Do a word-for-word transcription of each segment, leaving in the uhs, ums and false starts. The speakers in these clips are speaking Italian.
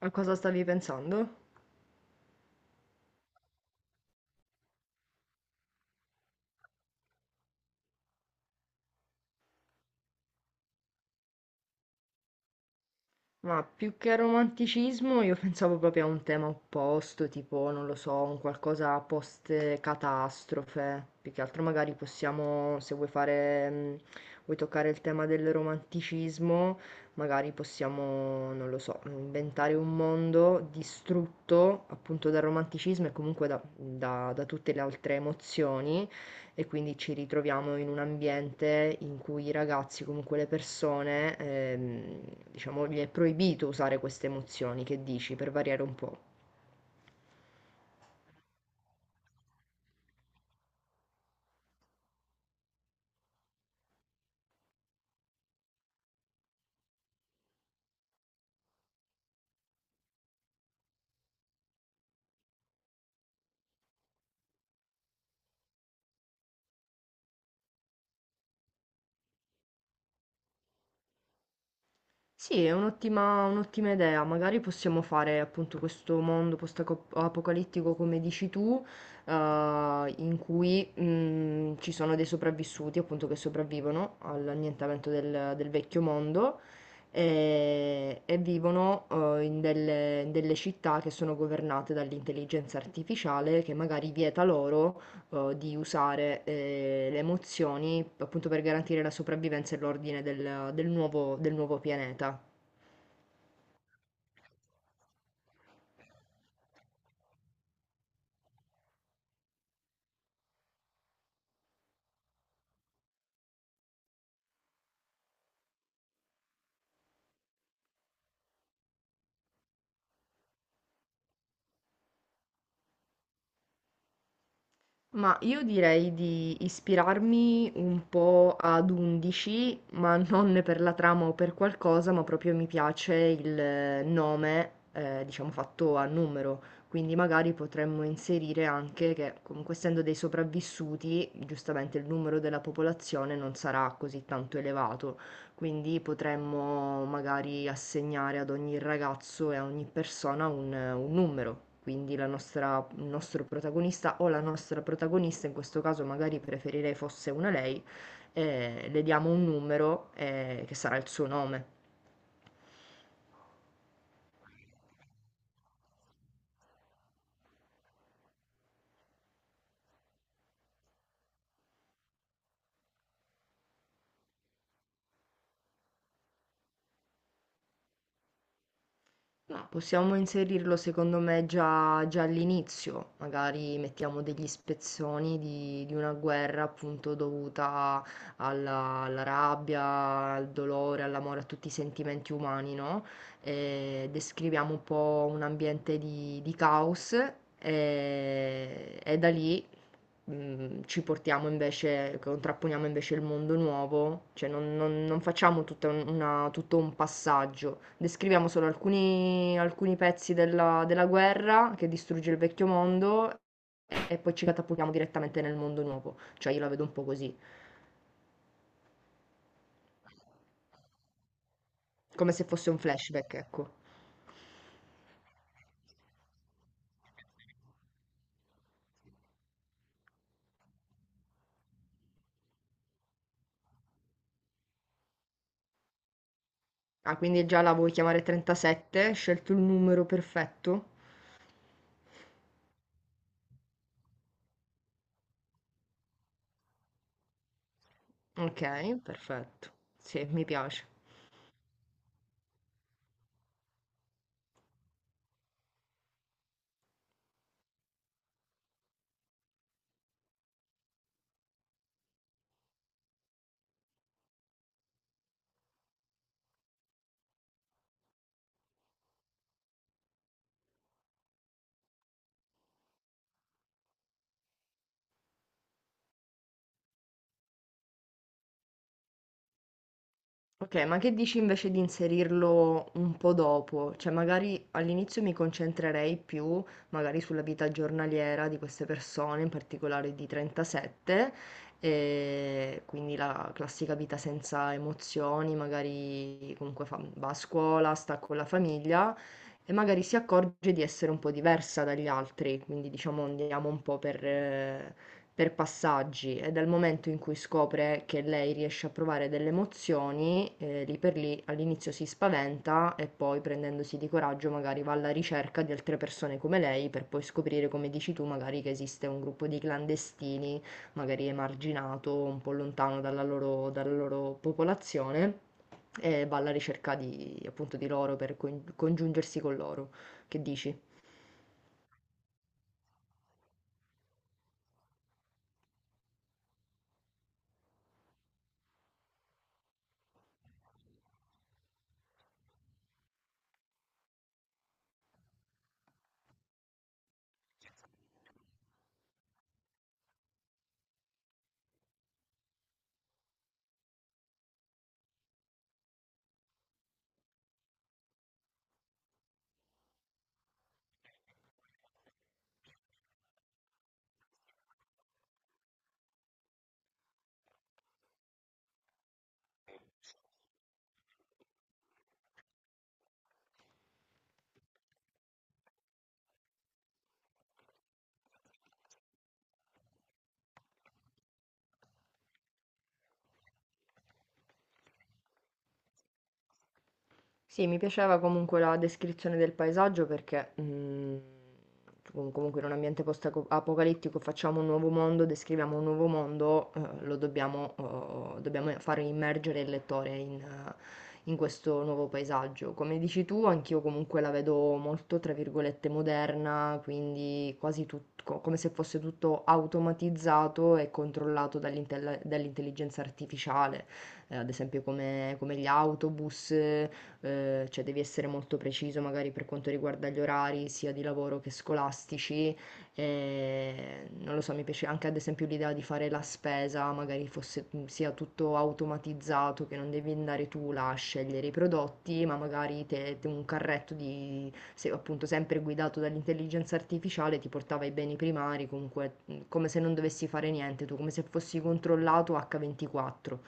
A cosa stavi pensando? Ma più che romanticismo, io pensavo proprio a un tema opposto, tipo, non lo so, un qualcosa post-catastrofe. Più che altro magari possiamo, se vuoi fare, mh, vuoi toccare il tema del romanticismo, magari possiamo, non lo so, inventare un mondo distrutto appunto dal romanticismo e comunque da da- da tutte le altre emozioni e quindi ci ritroviamo in un ambiente in cui i ragazzi, comunque le persone, ehm, diciamo, gli è proibito usare queste emozioni, che dici, per variare un po'. Sì, è un'ottima un'ottima idea, magari possiamo fare appunto questo mondo post-apocalittico come dici tu, eh, in cui mh, ci sono dei sopravvissuti appunto che sopravvivono all'annientamento del, del vecchio mondo e, e vivono eh, in delle, in delle città che sono governate dall'intelligenza artificiale che magari vieta loro, eh, di usare eh, le emozioni appunto per garantire la sopravvivenza e l'ordine del, del nuovo, del nuovo pianeta. Ma io direi di ispirarmi un po' ad undici, ma non per la trama o per qualcosa, ma proprio mi piace il nome, eh, diciamo fatto a numero. Quindi magari potremmo inserire anche che, comunque essendo dei sopravvissuti, giustamente il numero della popolazione non sarà così tanto elevato. Quindi potremmo magari assegnare ad ogni ragazzo e a ogni persona un, un numero. Quindi la nostra- il nostro protagonista o la nostra protagonista, in questo caso magari preferirei fosse una lei, eh, le diamo un numero, eh, che sarà il suo nome. No, possiamo inserirlo secondo me già, già all'inizio, magari mettiamo degli spezzoni di, di una guerra appunto dovuta alla, alla rabbia, al dolore, all'amore, a tutti i sentimenti umani, no? Eh, descriviamo un po' un ambiente di, di caos, eh, e da lì, mm, ci portiamo invece, contrapponiamo invece il mondo nuovo, cioè non, non- non facciamo tutta un- una- tutto un passaggio, descriviamo solo alcuni, alcuni pezzi della, della guerra che distrugge il vecchio mondo e, e poi ci catapultiamo direttamente nel mondo nuovo, cioè io la vedo un po' così, come se fosse un flashback, ecco. Ah, quindi già la vuoi chiamare trentasette? Hai scelto il numero perfetto? Ok, perfetto. Sì, mi piace. Ok, ma che dici invece di inserirlo un po' dopo? Cioè, magari all'inizio mi concentrerei più magari sulla vita giornaliera di queste persone, in particolare di trentasette, e quindi la classica vita senza emozioni, magari comunque fa- va a scuola, sta con la famiglia e magari si accorge di essere un po' diversa dagli altri, quindi diciamo andiamo un po' per, eh, per passaggi e dal momento in cui scopre che lei riesce a provare delle emozioni, eh, lì per lì all'inizio si spaventa e poi prendendosi di coraggio magari va alla ricerca di altre persone come lei per poi scoprire, come dici tu, magari che esiste un gruppo di clandestini, magari emarginato, un po' lontano dalla loro, dalla loro popolazione e va alla ricerca di, appunto, di loro per coin- congiungersi con loro. Che dici? Sì, mi piaceva comunque la descrizione del paesaggio perché, mm, com- comunque in un ambiente post-apocalittico facciamo un nuovo mondo, descriviamo un nuovo mondo, eh, lo dobbiamo, oh, dobbiamo fare immergere il lettore in, eh, in questo nuovo paesaggio. Come dici tu, anch'io comunque la vedo molto, tra virgolette, moderna, quindi quasi tut- co- come se fosse tutto automatizzato e controllato dall'intell- dall'intelligenza artificiale. Eh, ad esempio come come gli autobus, ehm, cioè devi essere molto preciso magari per quanto riguarda gli orari sia di lavoro che scolastici, ehm, non lo so, mi piace anche ad esempio l'idea di fare la spesa, magari fosse, mhmm, sia tutto automatizzato, che non devi andare tu là a scegliere i prodotti, ma magari te te un carretto di se appunto sempre guidato dall'intelligenza artificiale ti portava ai beni primari, comunque, mhmm, come se non dovessi fare niente tu, come se fossi controllato acca ventiquattro.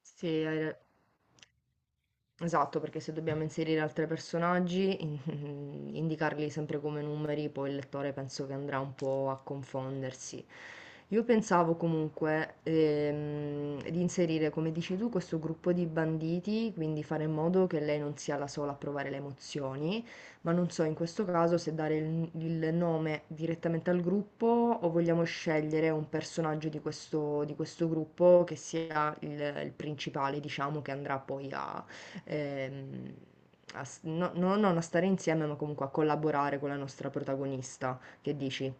Sì, hai ra- esatto, perché se dobbiamo inserire altri personaggi, in- indicarli sempre come numeri, poi il lettore penso che andrà un po' a confondersi. Io pensavo comunque, ehm, di inserire, come dici tu, questo gruppo di banditi, quindi fare in modo che lei non sia la sola a provare le emozioni, ma non so in questo caso se dare il, il nome direttamente al gruppo o vogliamo scegliere un personaggio di questo, di questo gruppo che sia il, il principale, diciamo, che andrà poi a, ehm, a s- no- no- non a stare insieme, ma comunque a collaborare con la nostra protagonista. Che dici?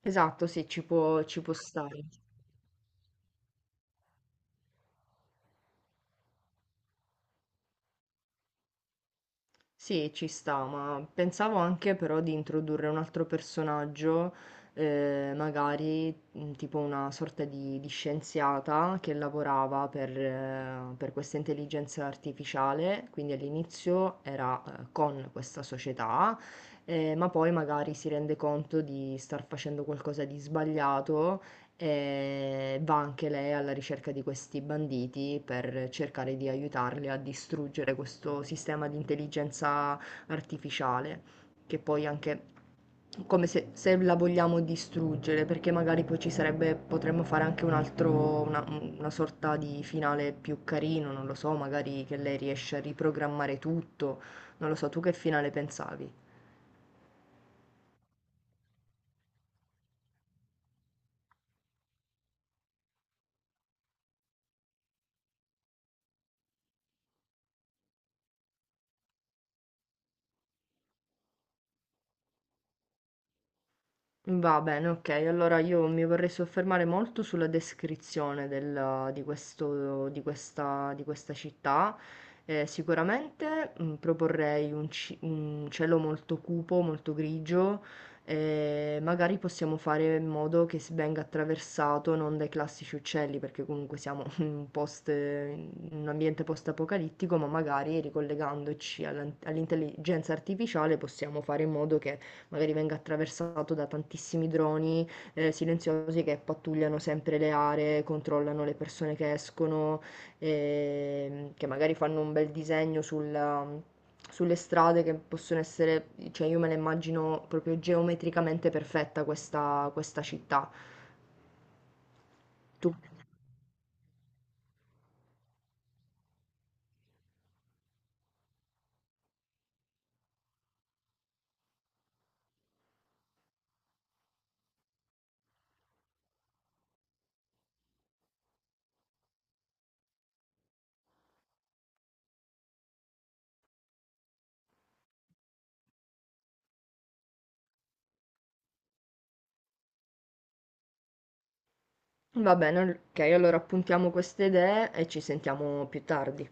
Esatto, sì, ci può, ci può stare. Sì, ci sta, ma pensavo anche però di introdurre un altro personaggio, eh, magari mm, tipo una sorta di, di scienziata che lavorava per, eh, per questa intelligenza artificiale, quindi all'inizio era eh, con questa società, eh, ma poi magari si rende conto di star facendo qualcosa di sbagliato e va anche lei alla ricerca di questi banditi per cercare di aiutarli a distruggere questo sistema di intelligenza artificiale, che poi anche come se, se la vogliamo distruggere, perché magari poi ci sarebbe, potremmo fare anche un altro, una, una sorta di finale più carino, non lo so, magari che lei riesce a riprogrammare tutto, non lo so, tu che finale pensavi? Va bene, ok. Allora io mi vorrei soffermare molto sulla descrizione del- di questo- di questa, di questa città. Eh, sicuramente mm, proporrei un, ci- un cielo molto cupo, molto grigio. Eh, magari possiamo fare in modo che si venga attraversato non dai classici uccelli, perché comunque siamo in un post- in un ambiente post-apocalittico, ma magari ricollegandoci all'an- all'intelligenza artificiale possiamo fare in modo che magari venga attraversato da tantissimi droni, eh, silenziosi che pattugliano sempre le aree, controllano le persone che escono, ehm, che magari fanno un bel disegno sulla- sulle strade che possono essere, cioè io me la immagino proprio geometricamente perfetta questa, questa città. Tu- Va bene, ok, allora appuntiamo queste idee e ci sentiamo più tardi.